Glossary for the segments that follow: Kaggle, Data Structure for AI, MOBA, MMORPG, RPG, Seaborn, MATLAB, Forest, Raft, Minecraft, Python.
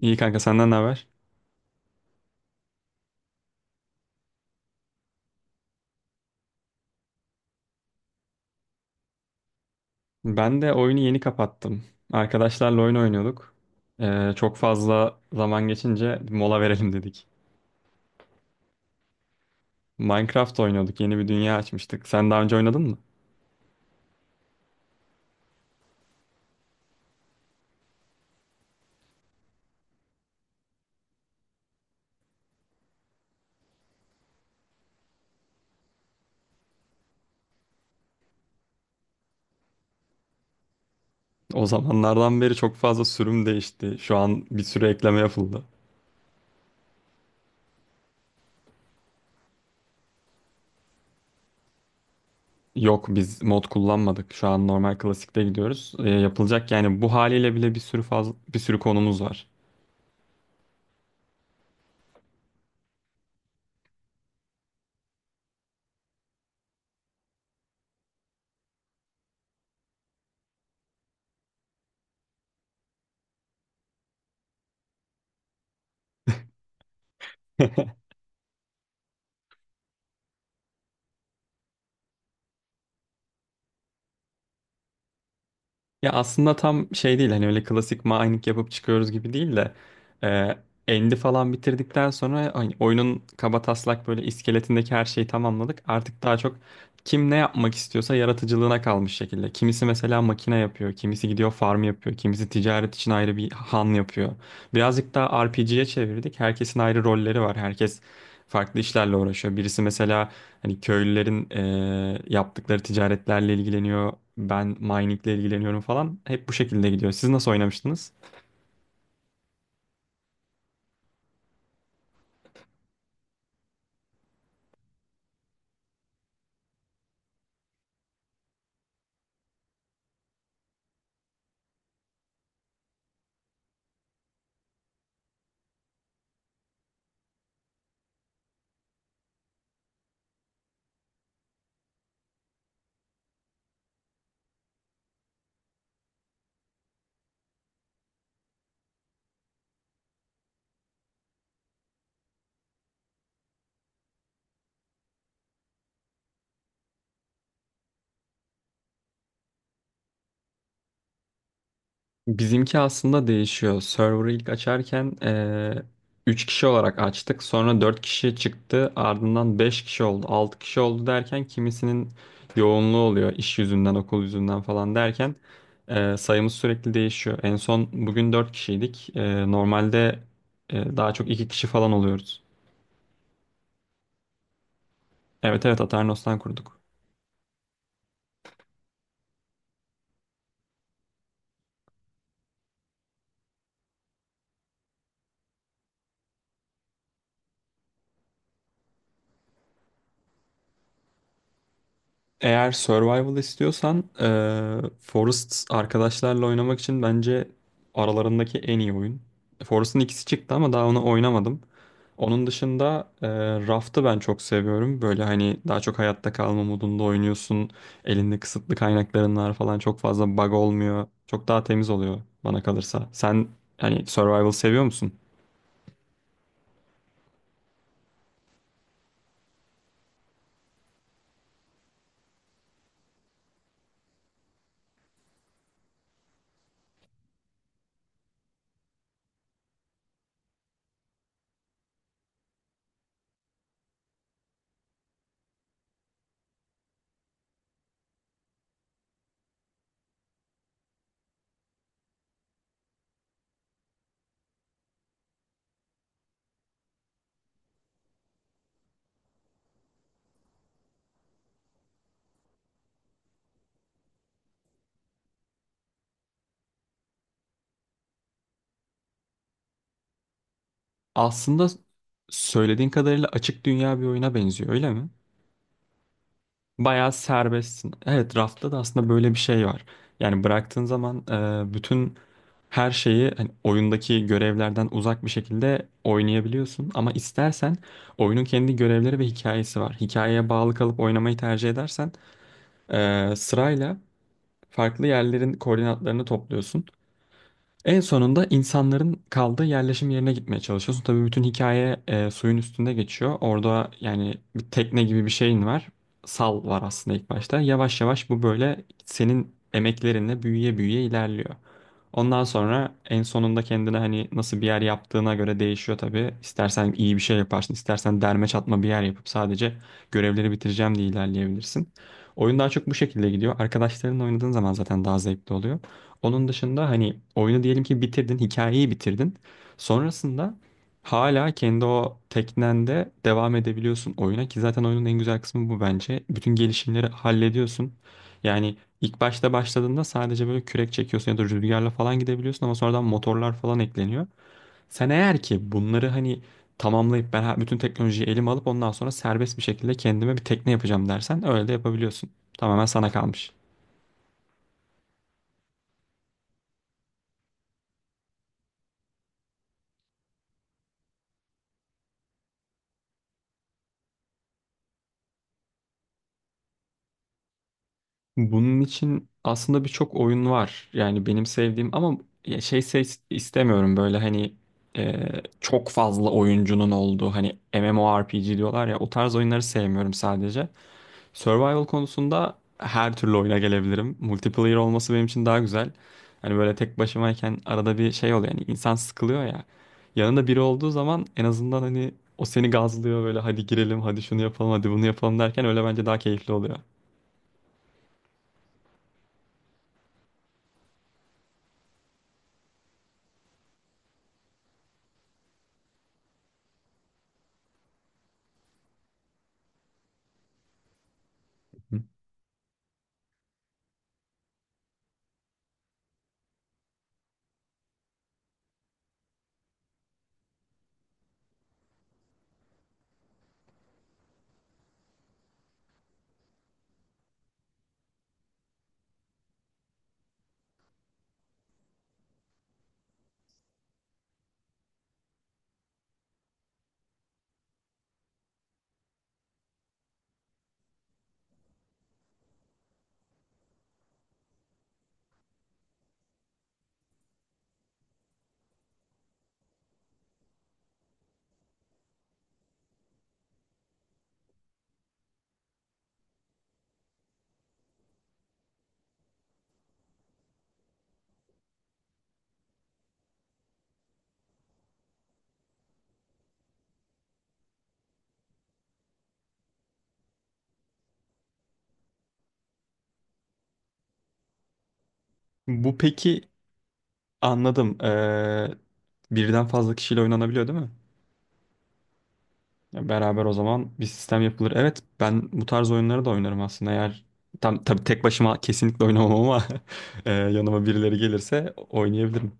İyi kanka, senden ne haber? Ben de oyunu yeni kapattım. Arkadaşlarla oyun oynuyorduk. Çok fazla zaman geçince mola verelim dedik. Minecraft oynuyorduk. Yeni bir dünya açmıştık. Sen daha önce oynadın mı? O zamanlardan beri çok fazla sürüm değişti. Şu an bir sürü ekleme yapıldı. Yok, biz mod kullanmadık. Şu an normal klasikte gidiyoruz. Yapılacak yani, bu haliyle bile bir sürü konumuz var. Ya aslında tam şey değil, hani öyle klasik mining yapıp çıkıyoruz gibi değil de e, End'i falan bitirdikten sonra hani oyunun kaba taslak böyle iskeletindeki her şeyi tamamladık. Artık daha çok kim ne yapmak istiyorsa yaratıcılığına kalmış şekilde. Kimisi mesela makine yapıyor, kimisi gidiyor farm yapıyor, kimisi ticaret için ayrı bir han yapıyor. Birazcık daha RPG'ye çevirdik. Herkesin ayrı rolleri var. Herkes farklı işlerle uğraşıyor. Birisi mesela hani köylülerin yaptıkları ticaretlerle ilgileniyor. Ben miningle ilgileniyorum falan. Hep bu şekilde gidiyor. Siz nasıl oynamıştınız? Bizimki aslında değişiyor. Server'ı ilk açarken 3 kişi olarak açtık. Sonra 4 kişi çıktı. Ardından 5 kişi oldu, 6 kişi oldu derken kimisinin yoğunluğu oluyor, iş yüzünden, okul yüzünden falan derken sayımız sürekli değişiyor. En son bugün 4 kişiydik. Normalde daha çok 2 kişi falan oluyoruz. Evet evet, Aternos'tan kurduk. Eğer survival istiyorsan Forest, arkadaşlarla oynamak için bence aralarındaki en iyi oyun. Forest'ın ikisi çıktı ama daha onu oynamadım. Onun dışında Raft'ı ben çok seviyorum. Böyle hani daha çok hayatta kalma modunda oynuyorsun. Elinde kısıtlı kaynakların var falan, çok fazla bug olmuyor. Çok daha temiz oluyor bana kalırsa. Sen hani survival seviyor musun? Aslında söylediğin kadarıyla açık dünya bir oyuna benziyor, öyle mi? Bayağı serbestsin. Evet, rafta da aslında böyle bir şey var. Yani bıraktığın zaman bütün her şeyi hani oyundaki görevlerden uzak bir şekilde oynayabiliyorsun. Ama istersen oyunun kendi görevleri ve hikayesi var. Hikayeye bağlı kalıp oynamayı tercih edersen sırayla farklı yerlerin koordinatlarını topluyorsun. En sonunda insanların kaldığı yerleşim yerine gitmeye çalışıyorsun. Tabii bütün hikaye suyun üstünde geçiyor. Orada yani bir tekne gibi bir şeyin var. Sal var aslında ilk başta. Yavaş yavaş bu böyle senin emeklerinle büyüye büyüye ilerliyor. Ondan sonra en sonunda kendine hani nasıl bir yer yaptığına göre değişiyor tabii. İstersen iyi bir şey yaparsın, istersen derme çatma bir yer yapıp sadece görevleri bitireceğim diye ilerleyebilirsin. Oyun daha çok bu şekilde gidiyor. Arkadaşlarınla oynadığın zaman zaten daha zevkli oluyor. Onun dışında hani oyunu diyelim ki bitirdin, hikayeyi bitirdin. Sonrasında hala kendi o teknende devam edebiliyorsun oyuna ki zaten oyunun en güzel kısmı bu bence. Bütün gelişimleri hallediyorsun. Yani ilk başta başladığında sadece böyle kürek çekiyorsun ya da rüzgarla falan gidebiliyorsun ama sonradan motorlar falan ekleniyor. Sen eğer ki bunları hani tamamlayıp ben bütün teknolojiyi elime alıp ondan sonra serbest bir şekilde kendime bir tekne yapacağım dersen öyle de yapabiliyorsun. Tamamen sana kalmış. Bunun için aslında birçok oyun var. Yani benim sevdiğim ama istemiyorum böyle hani e, çok fazla oyuncunun olduğu, hani MMORPG diyorlar ya, o tarz oyunları sevmiyorum sadece. Survival konusunda her türlü oyuna gelebilirim. Multiplayer olması benim için daha güzel. Hani böyle tek başımayken arada bir şey oluyor, yani insan sıkılıyor ya. Yanında biri olduğu zaman en azından hani o seni gazlıyor böyle, hadi girelim, hadi şunu yapalım, hadi bunu yapalım derken, öyle bence daha keyifli oluyor. Hı. Bu peki, anladım. Birden fazla kişiyle oynanabiliyor değil mi? Ya beraber o zaman bir sistem yapılır. Evet, ben bu tarz oyunları da oynarım aslında. Eğer tam tabii tek başıma kesinlikle oynamam ama yanıma birileri gelirse oynayabilirim.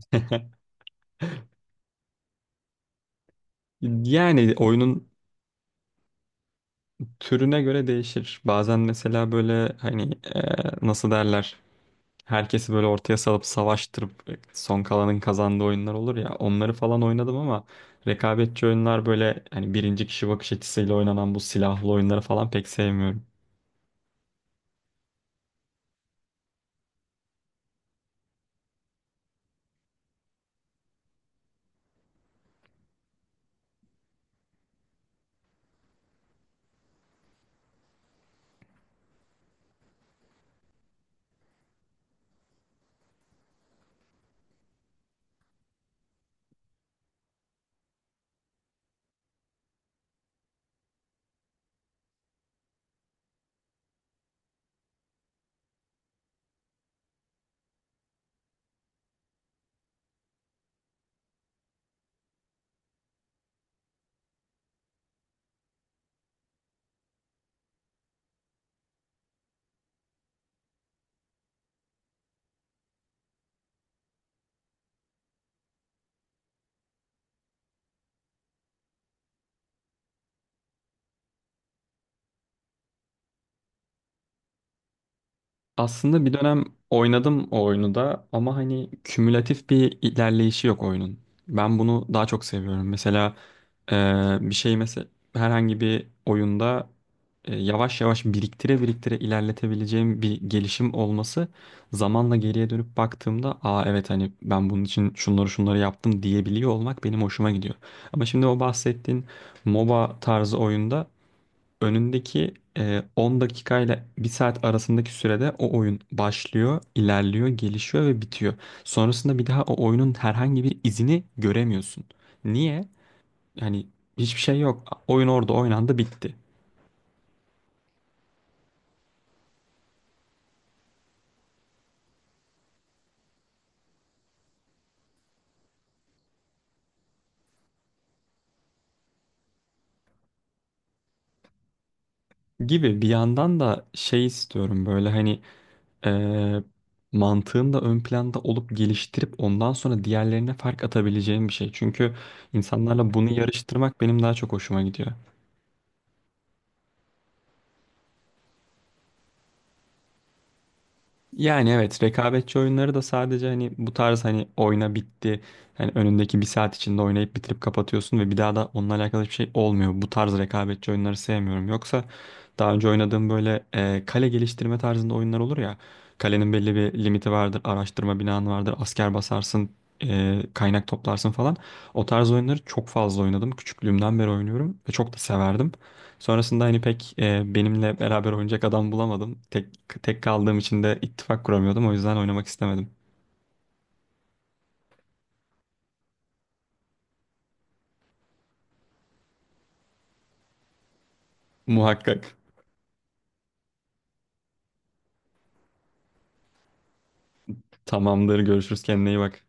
Yani oyunun türüne göre değişir. Bazen mesela böyle hani nasıl derler, herkesi böyle ortaya salıp savaştırıp son kalanın kazandığı oyunlar olur ya, onları falan oynadım ama rekabetçi oyunlar, böyle hani birinci kişi bakış açısıyla oynanan bu silahlı oyunları falan pek sevmiyorum. Aslında bir dönem oynadım o oyunu da ama hani kümülatif bir ilerleyişi yok oyunun. Ben bunu daha çok seviyorum. Mesela e, bir şey mesela herhangi bir oyunda yavaş yavaş biriktire biriktire ilerletebileceğim bir gelişim olması, zamanla geriye dönüp baktığımda "Aa evet, hani ben bunun için şunları şunları yaptım" diyebiliyor olmak benim hoşuma gidiyor. Ama şimdi o bahsettiğin MOBA tarzı oyunda önündeki 10 dakikayla bir saat arasındaki sürede o oyun başlıyor, ilerliyor, gelişiyor ve bitiyor. Sonrasında bir daha o oyunun herhangi bir izini göremiyorsun. Niye? Yani hiçbir şey yok. Oyun orada oynandı, bitti. Gibi bir yandan da şey istiyorum böyle hani e, mantığın da ön planda olup geliştirip ondan sonra diğerlerine fark atabileceğim bir şey. Çünkü insanlarla bunu yarıştırmak benim daha çok hoşuma gidiyor. Yani evet, rekabetçi oyunları da sadece hani bu tarz, hani oyna bitti. Hani önündeki bir saat içinde oynayıp bitirip kapatıyorsun ve bir daha da onunla alakalı hiçbir şey olmuyor. Bu tarz rekabetçi oyunları sevmiyorum. Yoksa daha önce oynadığım böyle kale geliştirme tarzında oyunlar olur ya. Kalenin belli bir limiti vardır, araştırma binanı vardır, asker basarsın, kaynak toplarsın falan. O tarz oyunları çok fazla oynadım. Küçüklüğümden beri oynuyorum ve çok da severdim. Sonrasında hani pek benimle beraber oynayacak adam bulamadım. Tek kaldığım için de ittifak kuramıyordum. O yüzden oynamak istemedim. Muhakkak. Tamamdır. Görüşürüz. Kendine iyi bak.